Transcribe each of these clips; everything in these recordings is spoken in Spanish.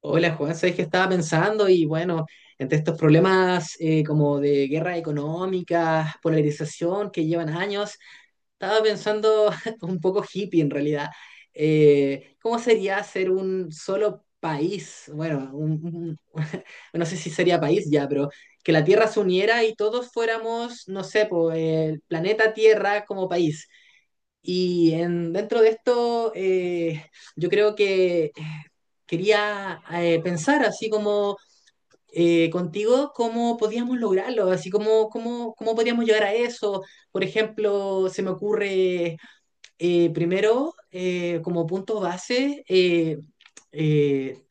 Hola Juan, sabes que estaba pensando y bueno, entre estos problemas como de guerra económica, polarización que llevan años, estaba pensando un poco hippie en realidad. ¿cómo sería ser un solo país? Bueno, no sé si sería país ya, pero que la Tierra se uniera y todos fuéramos, no sé, po, el planeta Tierra como país. Y dentro de esto, yo creo que quería pensar así como contigo cómo podíamos lograrlo, así como cómo podíamos llegar a eso. Por ejemplo, se me ocurre primero como punto base eh,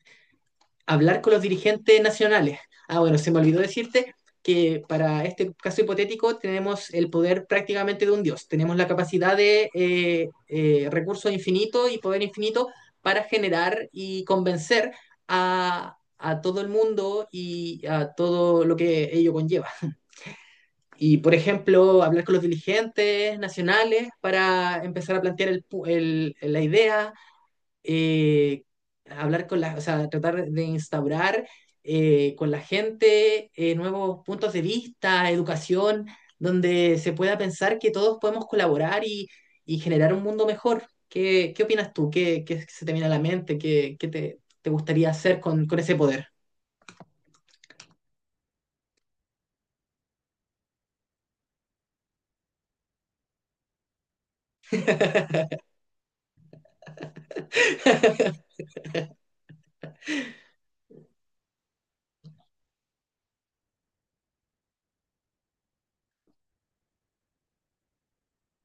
hablar con los dirigentes nacionales. Ah, bueno, se me olvidó decirte que para este caso hipotético tenemos el poder prácticamente de un dios. Tenemos la capacidad de recursos infinitos y poder infinito para generar y convencer a todo el mundo y a todo lo que ello conlleva. Y, por ejemplo, hablar con los dirigentes nacionales para empezar a plantear la idea eh, hablar con la, o sea, tratar de instaurar con la gente nuevos puntos de vista, educación, donde se pueda pensar que todos podemos colaborar y generar un mundo mejor. ¿Qué, qué opinas tú? ¿Qué, qué se te viene a la mente? ¿Qué, te gustaría hacer con ese poder?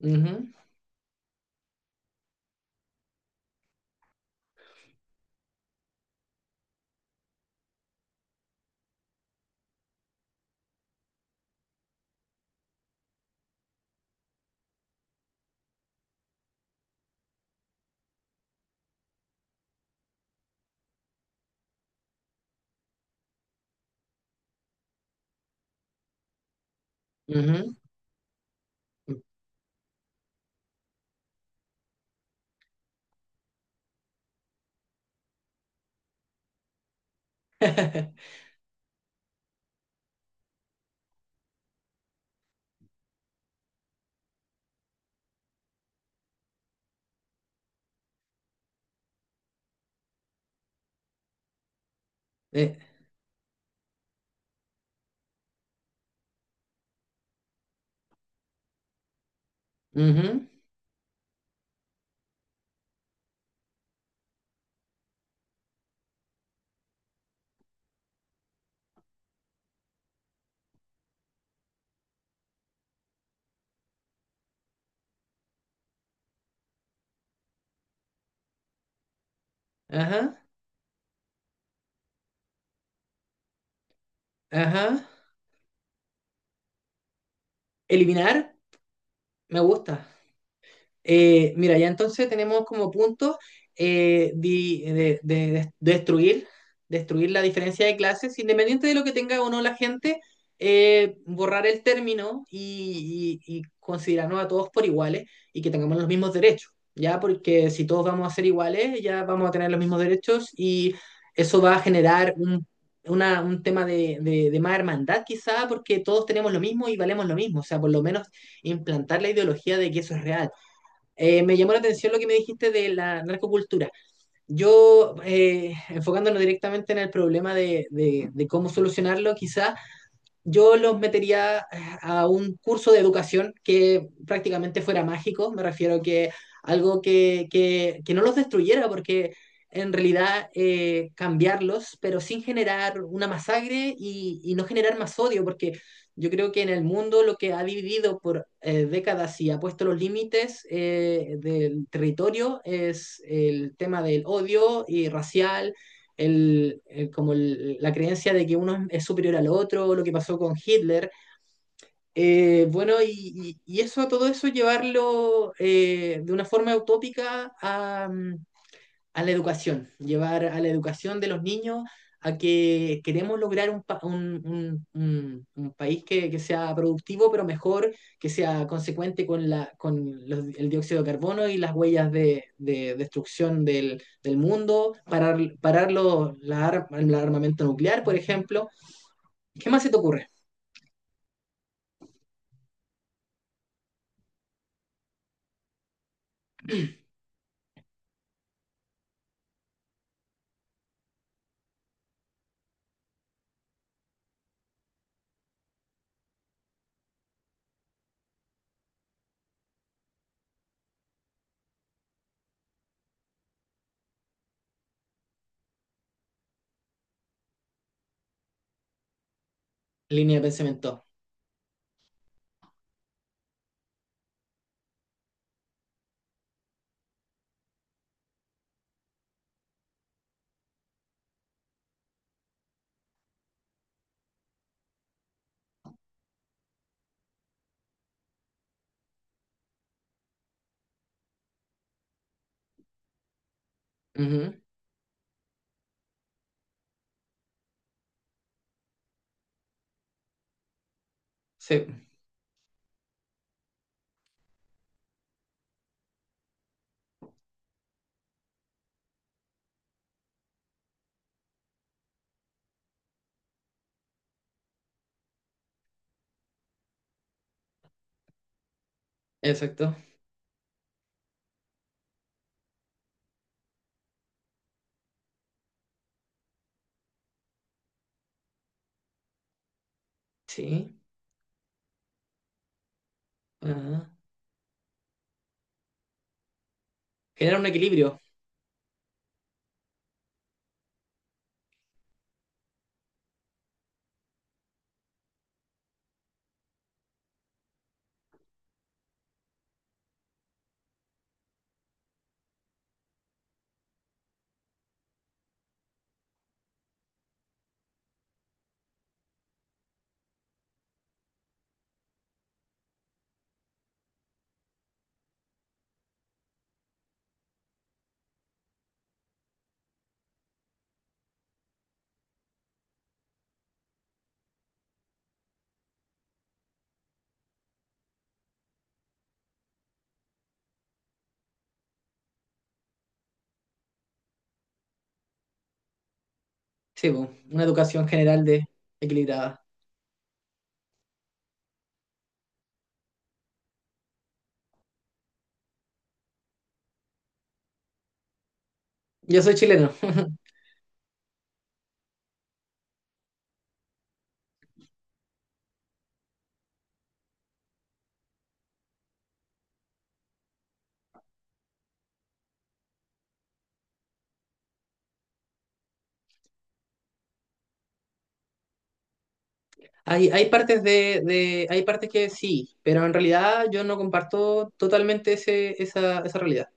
Ujú, ujú. Eh, ujú. Ajá, ajá. Eliminar, me gusta. Mira, ya entonces tenemos como puntos destruir, destruir la diferencia de clases, independiente de lo que tenga o no la gente, borrar el término y y- considerarnos a todos por iguales y que tengamos los mismos derechos, ¿ya? Porque si todos vamos a ser iguales, ya vamos a tener los mismos derechos y eso va a generar un tema de, de más hermandad quizá, porque todos tenemos lo mismo y valemos lo mismo, o sea, por lo menos implantar la ideología de que eso es real. Me llamó la atención lo que me dijiste de la narcocultura. Yo, enfocándonos directamente en el problema de cómo solucionarlo, quizás yo los metería a un curso de educación que prácticamente fuera mágico, me refiero que algo que no los destruyera, porque en realidad cambiarlos, pero sin generar una masacre y, no generar más odio, porque yo creo que en el mundo lo que ha dividido por décadas y ha puesto los límites del territorio es el tema del odio y racial como la creencia de que uno es superior al otro, lo que pasó con Hitler. Bueno, y eso, todo eso llevarlo de una forma utópica a, mm, a la educación, llevar a la educación de los niños a que queremos lograr un, un país que sea productivo, pero mejor, que sea consecuente con, la, con el dióxido de carbono y las huellas de destrucción del, del mundo, parar, parar el armamento nuclear, por ejemplo. ¿Qué más se te ocurre? Línea de pensamiento. Ujú. Sí, exacto. Sí, ajá. Generar un equilibrio. Sí, bu, una educación general de equilibrada. Yo soy chileno. Hay partes hay partes que sí, pero en realidad yo no comparto totalmente ese, esa realidad.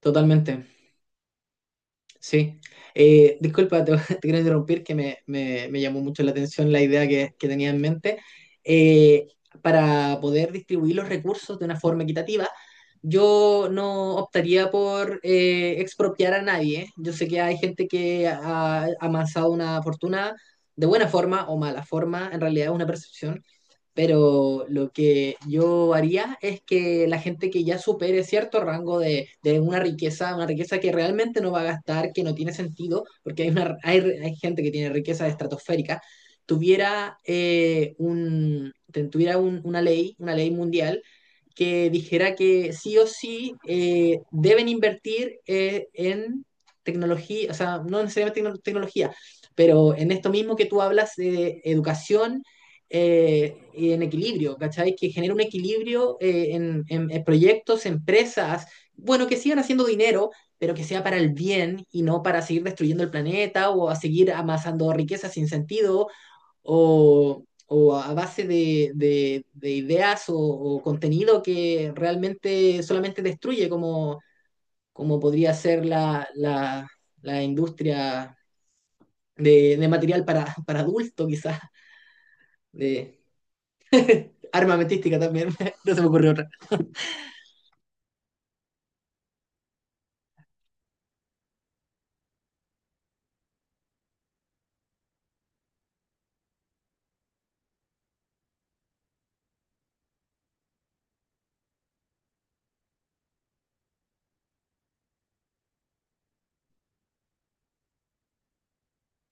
Totalmente. Sí, eh, disculpa, te, te quiero interrumpir, que me llamó mucho la atención la idea que tenía en mente. Eh, para poder distribuir los recursos de una forma equitativa, yo no optaría por expropiar a nadie. Yo sé que hay gente que ha amasado una fortuna de buena forma o mala forma, en realidad es una percepción, pero lo que yo haría es que la gente que ya supere cierto rango de una riqueza que realmente no va a gastar, que no tiene sentido, porque hay, una, hay gente que tiene riqueza estratosférica, tuviera, un, tuviera una ley mundial que dijera que sí o sí deben invertir en tecnología, o sea, no necesariamente tecnología, pero en esto mismo que tú hablas, de educación eh, en equilibrio, ¿cachai? Que genere un equilibrio en, en proyectos, empresas, bueno, que sigan haciendo dinero, pero que sea para el bien y no para seguir destruyendo el planeta o a seguir amasando riqueza sin sentido o a base de ideas o contenido que realmente solamente destruye, como, como podría ser la industria de material para adulto, quizás. De, armamentística también, no se me ocurrió otra.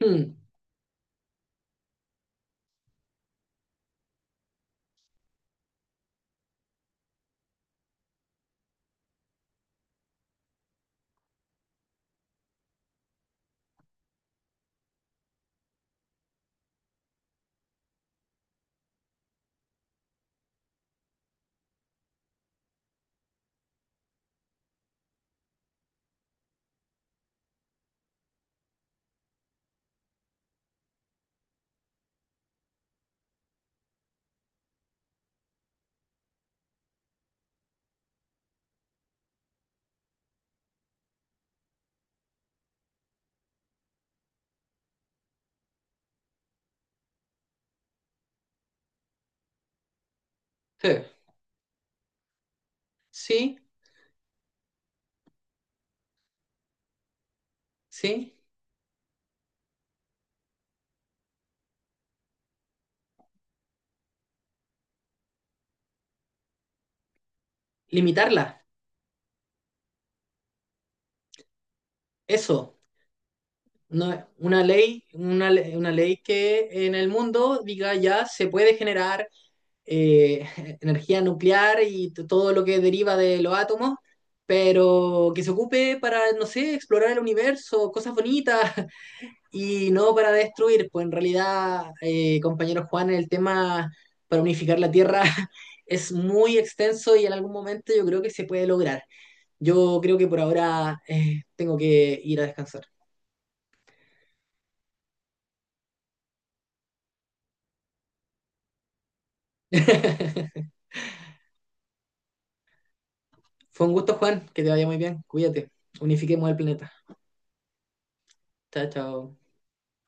Hmm, sí, sí, sí. Limitarla, eso. No, una ley, una ley que en el mundo diga ya se puede generar eh, energía nuclear y todo lo que deriva de los átomos, pero que se ocupe para, no sé, explorar el universo, cosas bonitas, y no para destruir, pues en realidad, compañero Juan, el tema para unificar la Tierra es muy extenso y en algún momento yo creo que se puede lograr. Yo creo que por ahora tengo que ir a descansar. Fue un gusto, Juan, que te vaya muy bien. Cuídate. Unifiquemos el planeta. Chao, chao.